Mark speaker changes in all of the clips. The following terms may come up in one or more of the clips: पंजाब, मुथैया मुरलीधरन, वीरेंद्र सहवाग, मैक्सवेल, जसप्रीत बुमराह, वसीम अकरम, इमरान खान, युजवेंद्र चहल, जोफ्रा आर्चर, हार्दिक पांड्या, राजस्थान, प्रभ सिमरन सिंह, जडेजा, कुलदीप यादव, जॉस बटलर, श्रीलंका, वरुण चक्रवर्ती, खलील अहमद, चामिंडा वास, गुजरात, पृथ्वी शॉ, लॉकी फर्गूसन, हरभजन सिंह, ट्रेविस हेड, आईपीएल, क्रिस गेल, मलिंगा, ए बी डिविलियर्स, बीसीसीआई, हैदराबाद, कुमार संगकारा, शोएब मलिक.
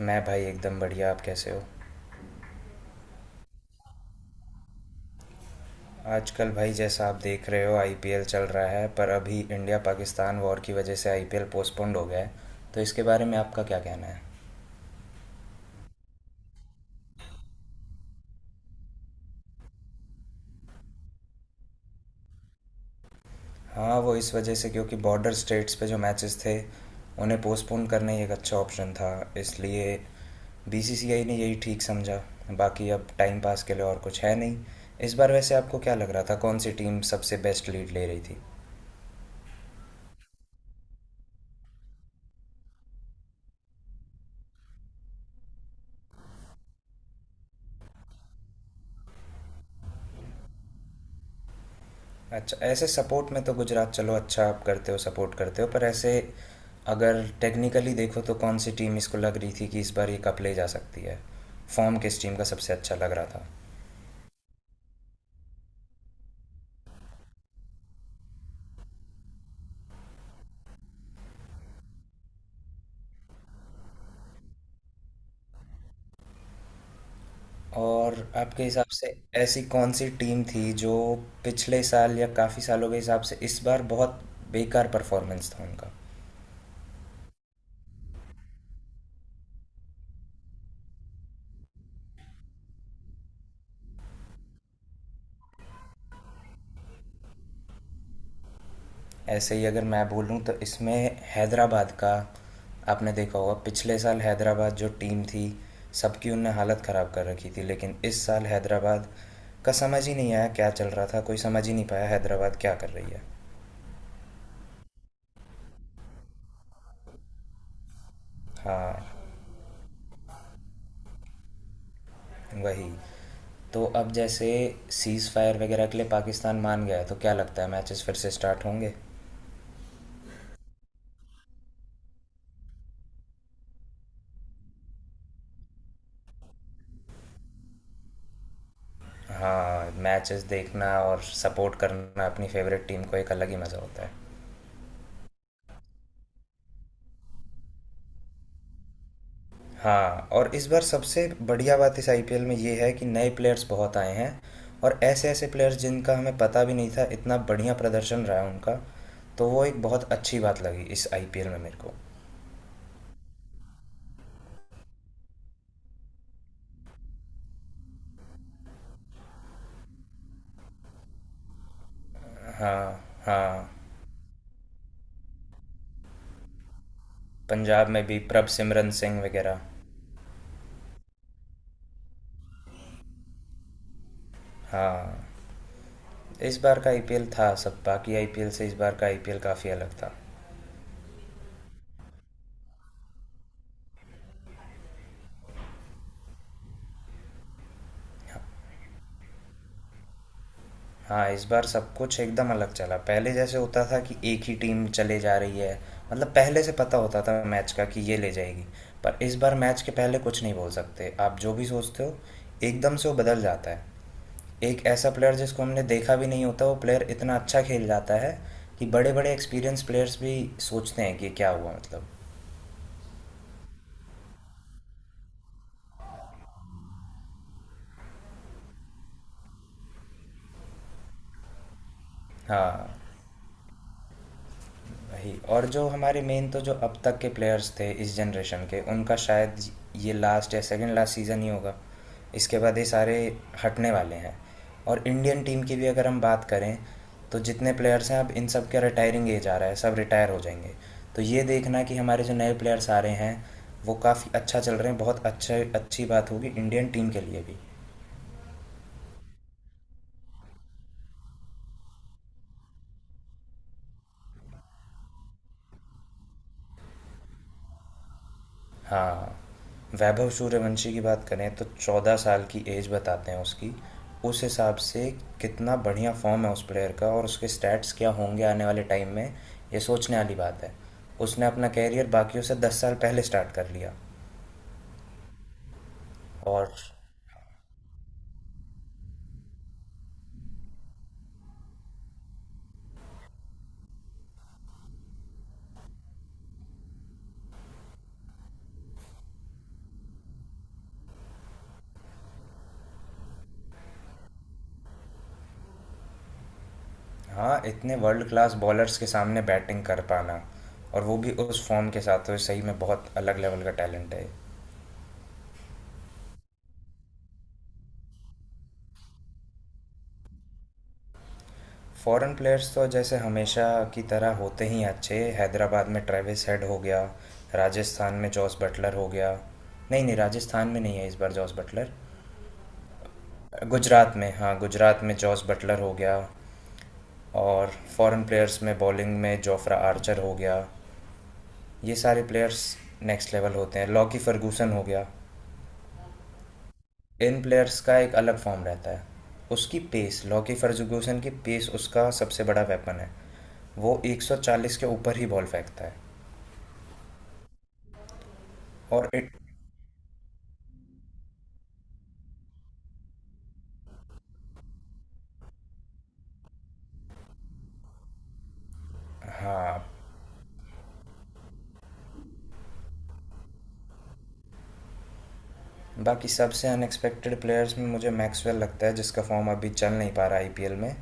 Speaker 1: मैं भाई एकदम बढ़िया। आप कैसे हो? आजकल भाई जैसा आप देख रहे हो आईपीएल चल रहा है, पर अभी इंडिया पाकिस्तान वॉर की वजह से आईपीएल पोस्टपोन्ड हो गया है। तो इसके बारे में आपका क्या कहना है? हाँ, वो इस वजह से क्योंकि बॉर्डर स्टेट्स पे जो मैचेस थे उन्हें पोस्टपोन करना ही एक अच्छा ऑप्शन था, इसलिए बीसीसीआई ने यही ठीक समझा। बाकी अब टाइम पास के लिए और कुछ है नहीं। इस बार वैसे आपको क्या लग रहा था कौन सी टीम सबसे बेस्ट लीड ले रही थी? अच्छा, ऐसे सपोर्ट में तो गुजरात, चलो अच्छा आप करते हो सपोर्ट करते हो, पर ऐसे अगर टेक्निकली देखो तो कौन सी टीम इसको लग रही थी कि इस बार ये कप ले जा सकती है? फॉर्म किस टीम का सबसे अच्छा लग रहा था? और आपके हिसाब से ऐसी कौन सी टीम थी जो पिछले साल या काफ़ी सालों के हिसाब से इस बार बहुत बेकार परफॉर्मेंस था उनका? ऐसे ही अगर मैं बोलूँ तो इसमें हैदराबाद का, आपने देखा होगा पिछले साल हैदराबाद जो टीम थी सबकी उनने हालत ख़राब कर रखी थी, लेकिन इस साल हैदराबाद का समझ ही नहीं आया क्या चल रहा था, कोई समझ ही नहीं पाया हैदराबाद क्या कर रही है। हाँ, वही। तो अब जैसे सीज़ फायर वगैरह के लिए पाकिस्तान मान गया है, तो क्या लगता है मैचेस फिर से स्टार्ट होंगे? हाँ, मैचेस देखना और सपोर्ट करना अपनी फेवरेट टीम को एक अलग ही मज़ा होता है। हाँ, और इस बार सबसे बढ़िया बात इस आईपीएल में ये है कि नए प्लेयर्स बहुत आए हैं, और ऐसे ऐसे प्लेयर्स जिनका हमें पता भी नहीं था इतना बढ़िया प्रदर्शन रहा है उनका। तो वो एक बहुत अच्छी बात लगी इस आईपीएल में मेरे को। हाँ। हाँ, पंजाब में भी प्रभ सिमरन सिंह वगैरह। हाँ, इस बार का आईपीएल था, सब बाकी आईपीएल से इस बार का आईपीएल काफ़ी अलग था। हाँ, इस बार सब कुछ एकदम अलग चला। पहले जैसे होता था कि एक ही टीम चले जा रही है, मतलब पहले से पता होता था मैच का कि ये ले जाएगी। पर इस बार मैच के पहले कुछ नहीं बोल सकते। आप जो भी सोचते हो, एकदम से वो बदल जाता है। एक ऐसा प्लेयर जिसको हमने देखा भी नहीं होता, वो प्लेयर इतना अच्छा खेल जाता है कि बड़े-बड़े एक्सपीरियंस प्लेयर्स भी सोचते हैं कि क्या हुआ मतलब। हाँ। वही, और जो हमारे मेन तो जो अब तक के प्लेयर्स थे इस जनरेशन के उनका शायद ये लास्ट या सेकंड लास्ट सीज़न ही होगा। इसके बाद ये सारे हटने वाले हैं। और इंडियन टीम की भी अगर हम बात करें तो जितने प्लेयर्स हैं अब इन सब का रिटायरिंग एज आ रहा है, सब रिटायर हो जाएंगे। तो ये देखना कि हमारे जो नए प्लेयर्स आ रहे हैं वो काफ़ी अच्छा चल रहे हैं बहुत अच्छे, अच्छी बात होगी इंडियन टीम के लिए भी। हाँ, वैभव सूर्यवंशी की बात करें तो 14 साल की एज बताते हैं उसकी। उस हिसाब से कितना बढ़िया फ़ॉर्म है उस प्लेयर का और उसके स्टैट्स क्या होंगे आने वाले टाइम में, ये सोचने वाली बात है। उसने अपना करियर बाकियों से 10 साल पहले स्टार्ट कर लिया। और हाँ, इतने वर्ल्ड क्लास बॉलर्स के सामने बैटिंग कर पाना और वो भी उस फ़ॉर्म के साथ तो सही में बहुत अलग लेवल का टैलेंट है। फॉरेन प्लेयर्स तो जैसे हमेशा की तरह होते ही हैं अच्छे। हैदराबाद में ट्रेविस हेड हो गया, राजस्थान में जॉस बटलर हो गया। नहीं नहीं, राजस्थान में नहीं है इस बार जॉस बटलर, गुजरात में, हाँ गुजरात में जॉस बटलर हो गया। और फॉरेन प्लेयर्स में बॉलिंग में जोफ्रा आर्चर हो गया। ये सारे प्लेयर्स नेक्स्ट लेवल होते हैं। लॉकी फर्गूसन हो गया, इन प्लेयर्स का एक अलग फॉर्म रहता है। उसकी पेस, लॉकी फर्गूसन की पेस उसका सबसे बड़ा वेपन है। वो 140 के ऊपर ही बॉल फेंकता है। और इट हाँ, बाकी सबसे अनएक्सपेक्टेड प्लेयर्स में मुझे मैक्सवेल लगता है, जिसका फॉर्म अभी चल नहीं पा रहा आईपीएल में,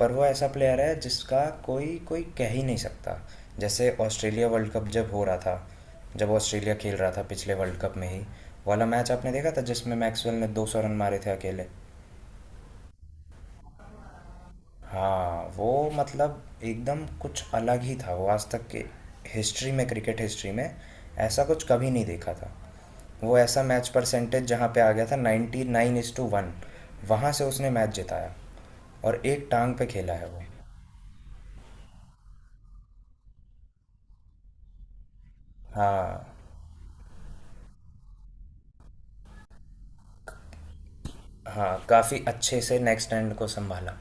Speaker 1: पर वो ऐसा प्लेयर है जिसका कोई कोई कह ही नहीं सकता। जैसे ऑस्ट्रेलिया वर्ल्ड कप जब हो रहा था, जब ऑस्ट्रेलिया खेल रहा था पिछले वर्ल्ड कप में ही वाला मैच आपने देखा था जिसमें मैक्सवेल ने 200 रन मारे थे अकेले। हाँ, वो मतलब एकदम कुछ अलग ही था, वो आज तक के हिस्ट्री में, क्रिकेट हिस्ट्री में ऐसा कुछ कभी नहीं देखा था। वो ऐसा मैच परसेंटेज जहाँ पे आ गया था ninety nine is to one, वहाँ से उसने मैच जिताया, और एक टांग पे खेला है वो। हाँ, हाँ, काफ़ी अच्छे से नेक्स्ट एंड को संभाला,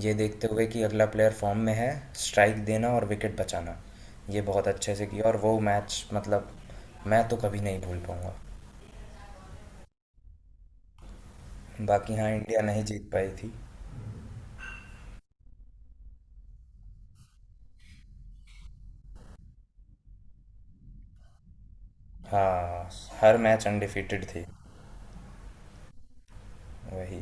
Speaker 1: ये देखते हुए कि अगला प्लेयर फॉर्म में है। स्ट्राइक देना और विकेट बचाना, ये बहुत अच्छे से किया, और वो मैच मतलब मैं तो कभी नहीं भूल पाऊँगा। बाकी हाँ, इंडिया नहीं जीत पाई थी। हाँ, हर मैच अनडिफिटेड थी। वही।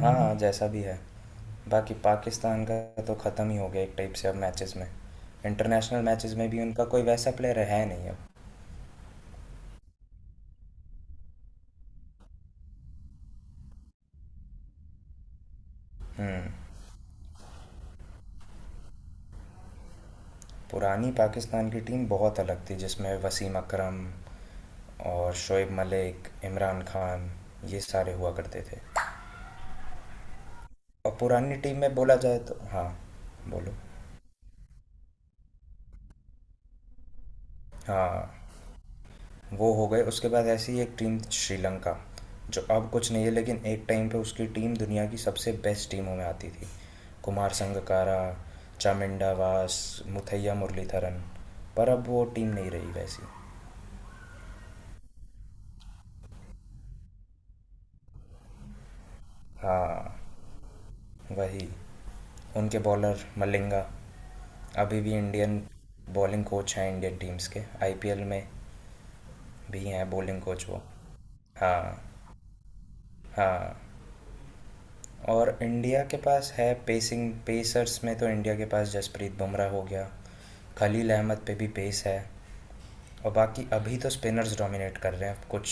Speaker 1: हाँ, जैसा भी है। बाकी पाकिस्तान का तो ख़त्म ही हो गया एक टाइप से अब मैचेस में, इंटरनेशनल मैचेस में भी उनका कोई वैसा प्लेयर है नहीं अब। हम्म, पुरानी पाकिस्तान की टीम बहुत अलग थी जिसमें वसीम अकरम और शोएब मलिक, इमरान खान, ये सारे हुआ करते थे। और पुरानी टीम में बोला जाए तो हाँ, बोलो। हाँ, वो हो गए, उसके बाद ऐसी ही एक टीम श्रीलंका, जो अब कुछ नहीं है लेकिन एक टाइम पे उसकी टीम दुनिया की सबसे बेस्ट टीमों में आती थी। कुमार संगकारा, चामिंडा वास, मुथैया मुरलीधरन, पर अब वो टीम नहीं रही वैसी। हाँ, वही। उनके बॉलर मलिंगा अभी भी इंडियन बॉलिंग कोच हैं, इंडियन टीम्स के। आईपीएल में भी हैं बॉलिंग कोच वो। हाँ, हाँ। और इंडिया के पास है पेसिंग, पेसर्स में तो इंडिया के पास जसप्रीत बुमराह हो गया, खलील अहमद पे भी पेस है। और बाकी अभी तो स्पिनर्स डोमिनेट कर रहे हैं कुछ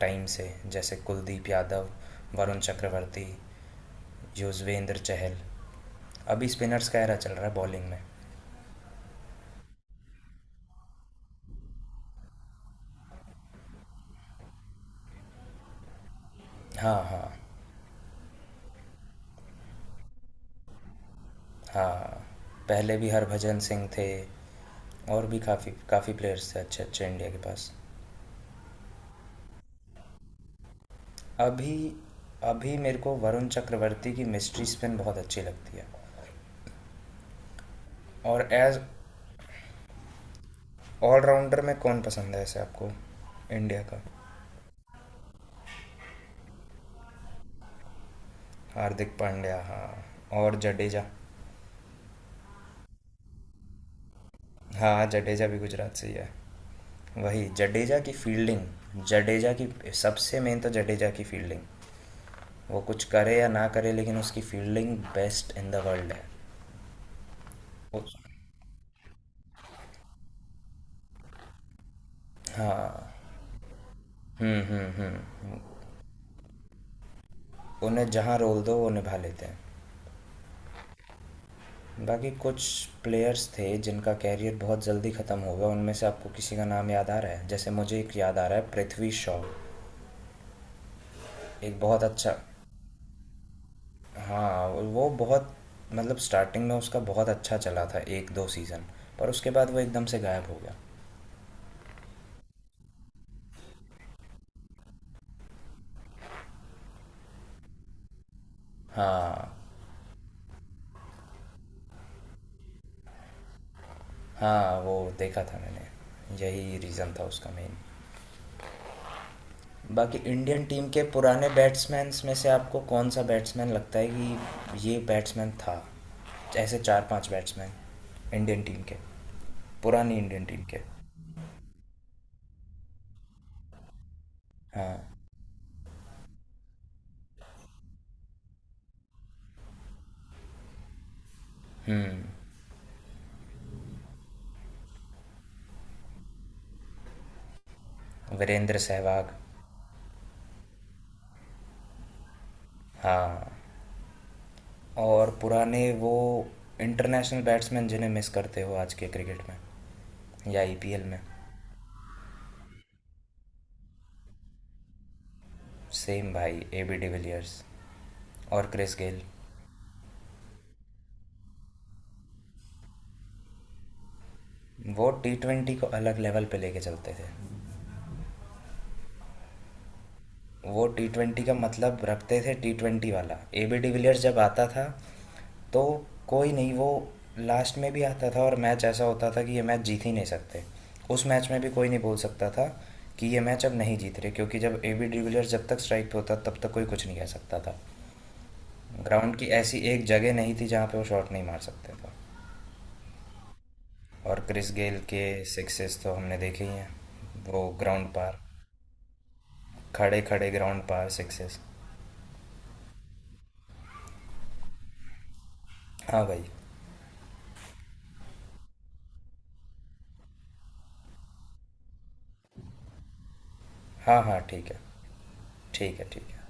Speaker 1: टाइम से, जैसे कुलदीप यादव, वरुण चक्रवर्ती, युजवेंद्र चहल। अभी स्पिनर्स का एरा चल रहा है बॉलिंग में। हाँ, हाँ। हाँ, पहले भी हरभजन सिंह थे, और भी काफ़ी काफ़ी प्लेयर्स थे अच्छे अच्छे इंडिया के पास। अभी, अभी मेरे को वरुण चक्रवर्ती की मिस्ट्री स्पिन बहुत अच्छी लगती है। और एज ऑलराउंडर में कौन पसंद है ऐसे आपको, इंडिया का? हार्दिक पांड्या, हाँ। और जडेजा। हाँ, जडेजा भी गुजरात से ही है। वही, जडेजा की फील्डिंग, जडेजा की, सबसे मेन तो जडेजा की फील्डिंग। वो कुछ करे या ना करे लेकिन उसकी fielding best in the world है। उस- हाँ, हम्म, उन्हें जहाँ रोल दो वो निभा लेते हैं। बाकी कुछ प्लेयर्स थे जिनका कैरियर बहुत जल्दी ख़त्म हो गया, उनमें से आपको किसी का नाम याद आ रहा है? जैसे मुझे एक याद आ रहा है, पृथ्वी शॉ, एक बहुत अच्छा। हाँ, वो बहुत, मतलब स्टार्टिंग में उसका बहुत अच्छा चला था एक दो सीज़न, पर उसके बाद वो एकदम से गायब हो गया। हाँ, हाँ, वो देखा था मैंने, यही रीज़न था उसका मेन। बाकी इंडियन टीम के पुराने बैट्समैन में से आपको कौन सा बैट्समैन लगता है कि ये बैट्समैन था? ऐसे चार पांच बैट्समैन इंडियन टीम के, पुरानी इंडियन टीम के। हाँ, हम्म। वीरेंद्र सहवाग। हाँ, और पुराने वो इंटरनेशनल बैट्समैन जिन्हें मिस करते हो आज के क्रिकेट में या ईपीएल में? सेम भाई, ए बी डिविलियर्स, और क्रिस गेल। वो टी ट्वेंटी को अलग लेवल पे लेके चलते थे। वो टी ट्वेंटी का मतलब रखते थे, टी ट्वेंटी वाला ए बी डिविलियर्स जब आता था, तो कोई नहीं। वो लास्ट में भी आता था और मैच ऐसा होता था कि ये मैच जीत ही नहीं सकते, उस मैच में भी कोई नहीं बोल सकता था कि ये मैच अब नहीं जीत रहे, क्योंकि जब ए बी डिविलियर्स जब तक स्ट्राइक पे होता तब तक कोई कुछ नहीं कह सकता था। ग्राउंड की ऐसी एक जगह नहीं थी जहाँ पे वो शॉट नहीं मार सकते थे। और क्रिस गेल के सिक्सेस तो हमने देखे ही हैं, वो ग्राउंड पार, खड़े खड़े ग्राउंड पार सिक्सेस। हाँ भाई, हाँ हाँ, ठीक है, ठीक है, ठीक है।